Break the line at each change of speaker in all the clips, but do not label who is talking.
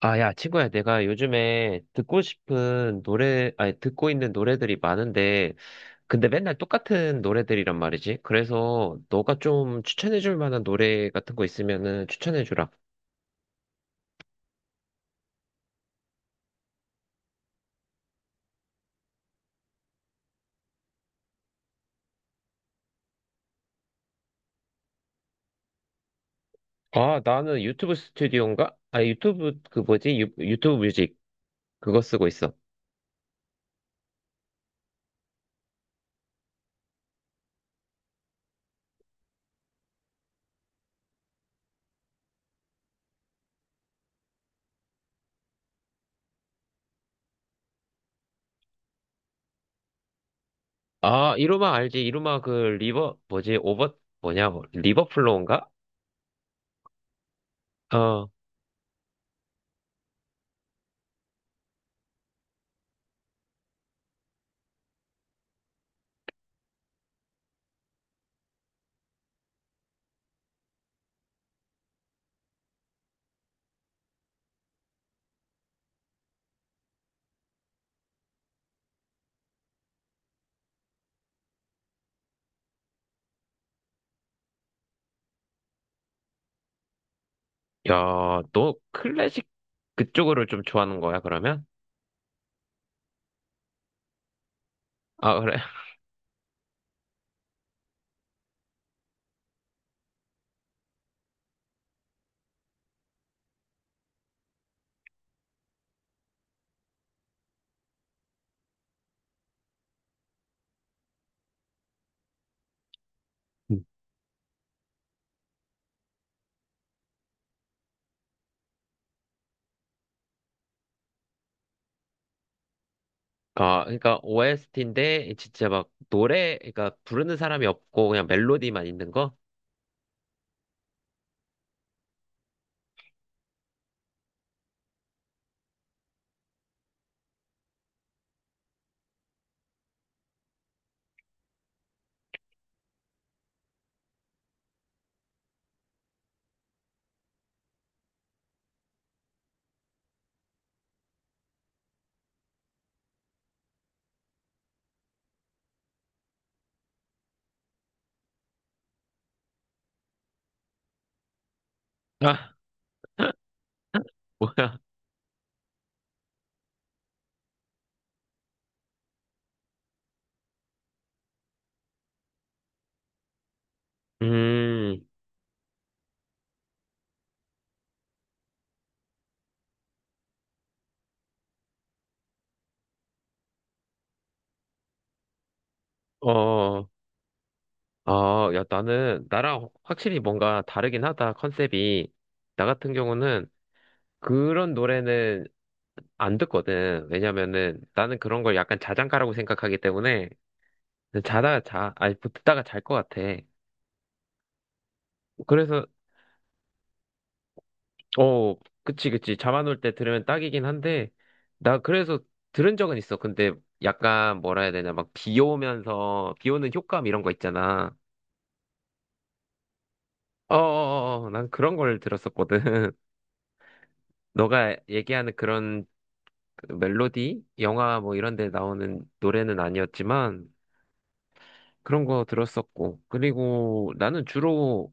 아, 야, 친구야, 내가 요즘에 듣고 싶은 노래, 아니, 듣고 있는 노래들이 많은데, 근데 맨날 똑같은 노래들이란 말이지. 그래서 너가 좀 추천해줄 만한 노래 같은 거 있으면은 추천해주라. 아, 나는 유튜브 스튜디오인가? 아, 유튜브, 그 뭐지? 유튜브 뮤직. 그거 쓰고 있어. 아, 이루마 알지? 이루마 그 리버 뭐지? 오버 뭐냐? 뭐, 리버플로우인가? 어. 야, 너 클래식 그쪽으로 좀 좋아하는 거야, 그러면? 아, 그래. 음. 아, 그러니까 OST인데 진짜 막 노래 그러니까 부르는 사람이 없고 그냥 멜로디만 있는 거? 아, 뭐야? 음. 어. 아, 야, 나는 나랑 확실히 뭔가 다르긴 하다. 컨셉이. 나 같은 경우는 그런 노래는 안 듣거든. 왜냐면은 나는 그런 걸 약간 자장가라고 생각하기 때문에 아니 듣다가 잘 것 같아. 그래서 어, 그치, 그치. 잠안올 때 들으면 딱이긴 한데 나 그래서 들은 적은 있어. 근데 약간 뭐라 해야 되냐 막 비 오면서 비 오는 효과음 이런 거 있잖아. 어어어, 난 그런 걸 들었었거든. 너가 얘기하는 그런 그 멜로디, 영화 뭐 이런 데 나오는 노래는 아니었지만 그런 거 들었었고. 그리고 나는 주로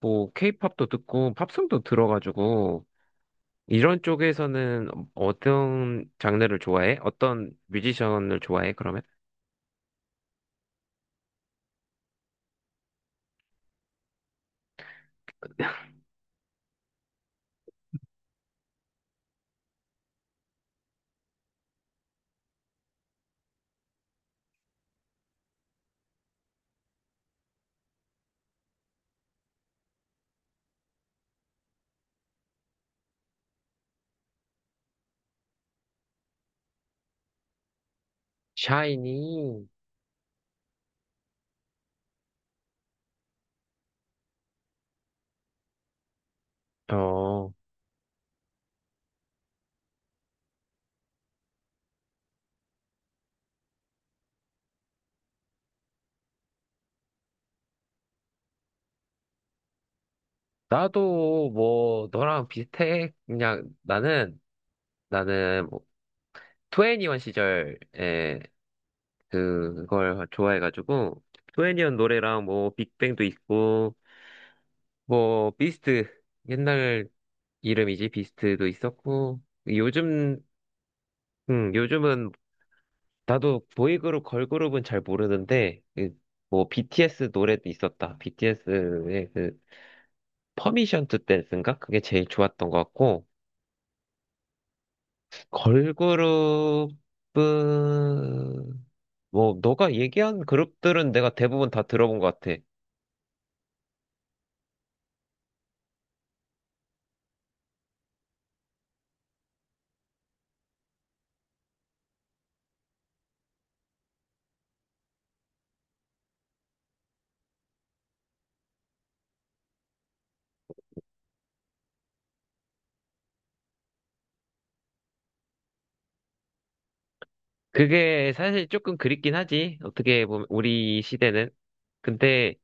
뭐 케이팝도 듣고 팝송도 들어가지고 이런 쪽에서는 어떤 장르를 좋아해? 어떤 뮤지션을 좋아해? 그러면? 샤이니, 어, 나도 뭐, 너랑 비슷해. 그냥 나는 뭐, 2 n e 시절에 그걸 좋아해가지고, 투애니원 노래랑 뭐, 빅뱅도 있고, 뭐, 비스트, 옛날 이름이지, 비스트도 있었고, 요즘, 요즘은 나도 보이그룹, 걸그룹은 잘 모르는데, 그, 뭐, BTS 노래도 있었다. BTS의 그, 퍼미션 투 댄스인가? 그게 제일 좋았던 것 같고, 걸그룹은, 뭐, 너가 얘기한 그룹들은 내가 대부분 다 들어본 것 같아. 그게 사실 조금 그립긴 하지. 어떻게 보면, 우리 시대는. 근데,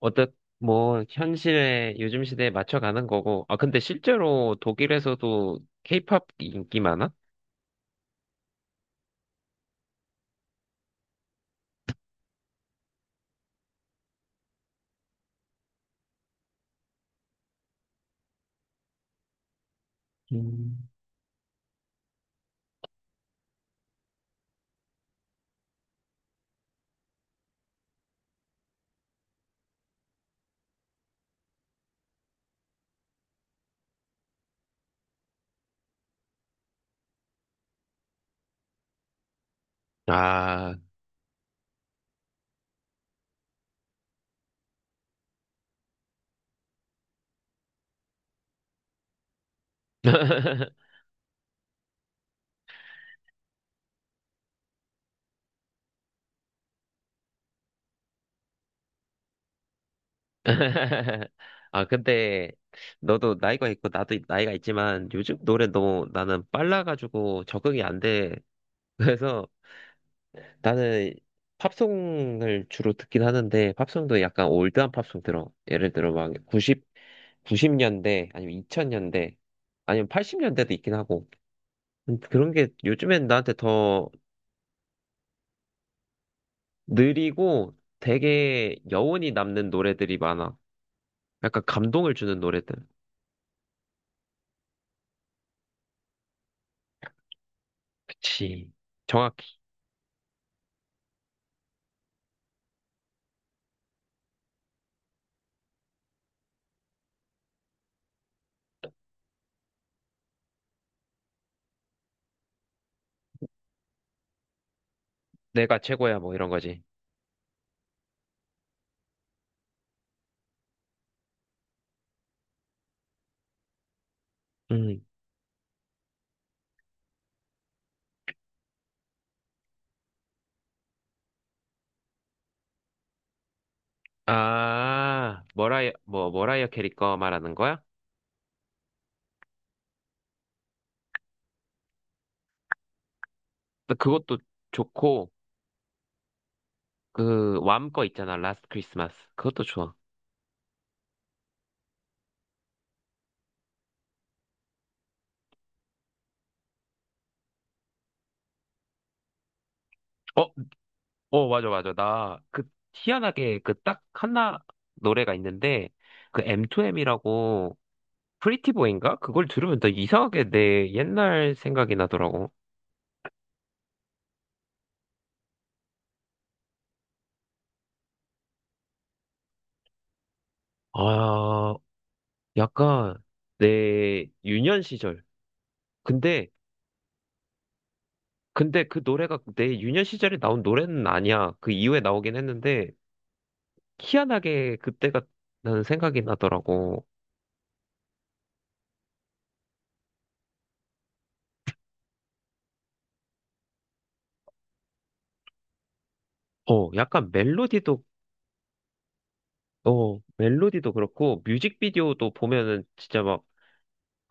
어떻, 뭐, 현실에, 요즘 시대에 맞춰가는 거고. 아, 근데 실제로 독일에서도 케이팝 인기 많아? 아. 아, 근데 너도 나이가 있고 나도 나이가 있지만 요즘 노래 너무 나는 빨라가지고 적응이 안 돼. 그래서 나는 팝송을 주로 듣긴 하는데 팝송도 약간 올드한 팝송 들어. 예를 들어 막 90, 구십 년대 아니면 2000년대 아니면 80년대도 있긴 하고. 그런 게 요즘엔 나한테 더 느리고 되게 여운이 남는 노래들이 많아. 약간 감동을 주는 노래들. 그치. 정확히. 내가 최고야, 뭐 이런 거지. 음. 아, 머라이어 캐리 거 말하는 거야? 근데 그것도 좋고, 그, 왬 거 있잖아, 라스트 크리스마스. 그것도 좋아. 어, 어, 맞아, 맞아. 나, 그, 희한하게, 그, 딱 하나 노래가 있는데, 그, M2M이라고, 프리티보인가? 그걸 들으면 나 이상하게 내 옛날 생각이 나더라고. 아, 약간, 내 유년 시절. 근데, 근데 그 노래가 내 유년 시절에 나온 노래는 아니야. 그 이후에 나오긴 했는데, 희한하게 그때가 나는 생각이 나더라고. 어, 약간 멜로디도 그렇고, 뮤직비디오도 보면은 진짜 막그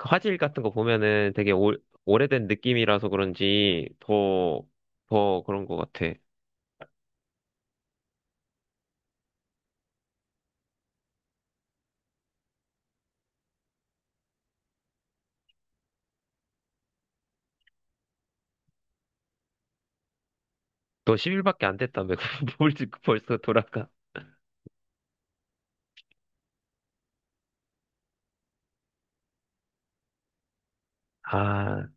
화질 같은 거 보면은 되게 오래된 느낌이라서 그런지 더 그런 것 같아. 너 10일밖에 안 됐다며. 뭘 지금 벌써 돌아가. 아,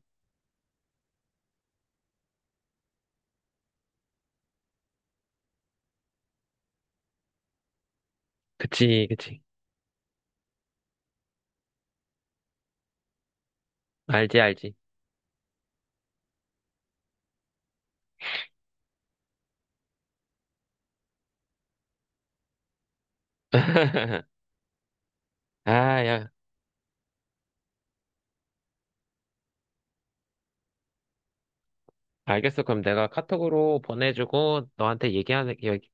그치, 그치. 알지, 알지. 아, 야. 알겠어. 그럼 내가 카톡으로 보내주고 너한테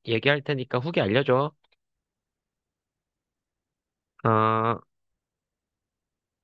얘기할 테니까 후기 알려줘. 어.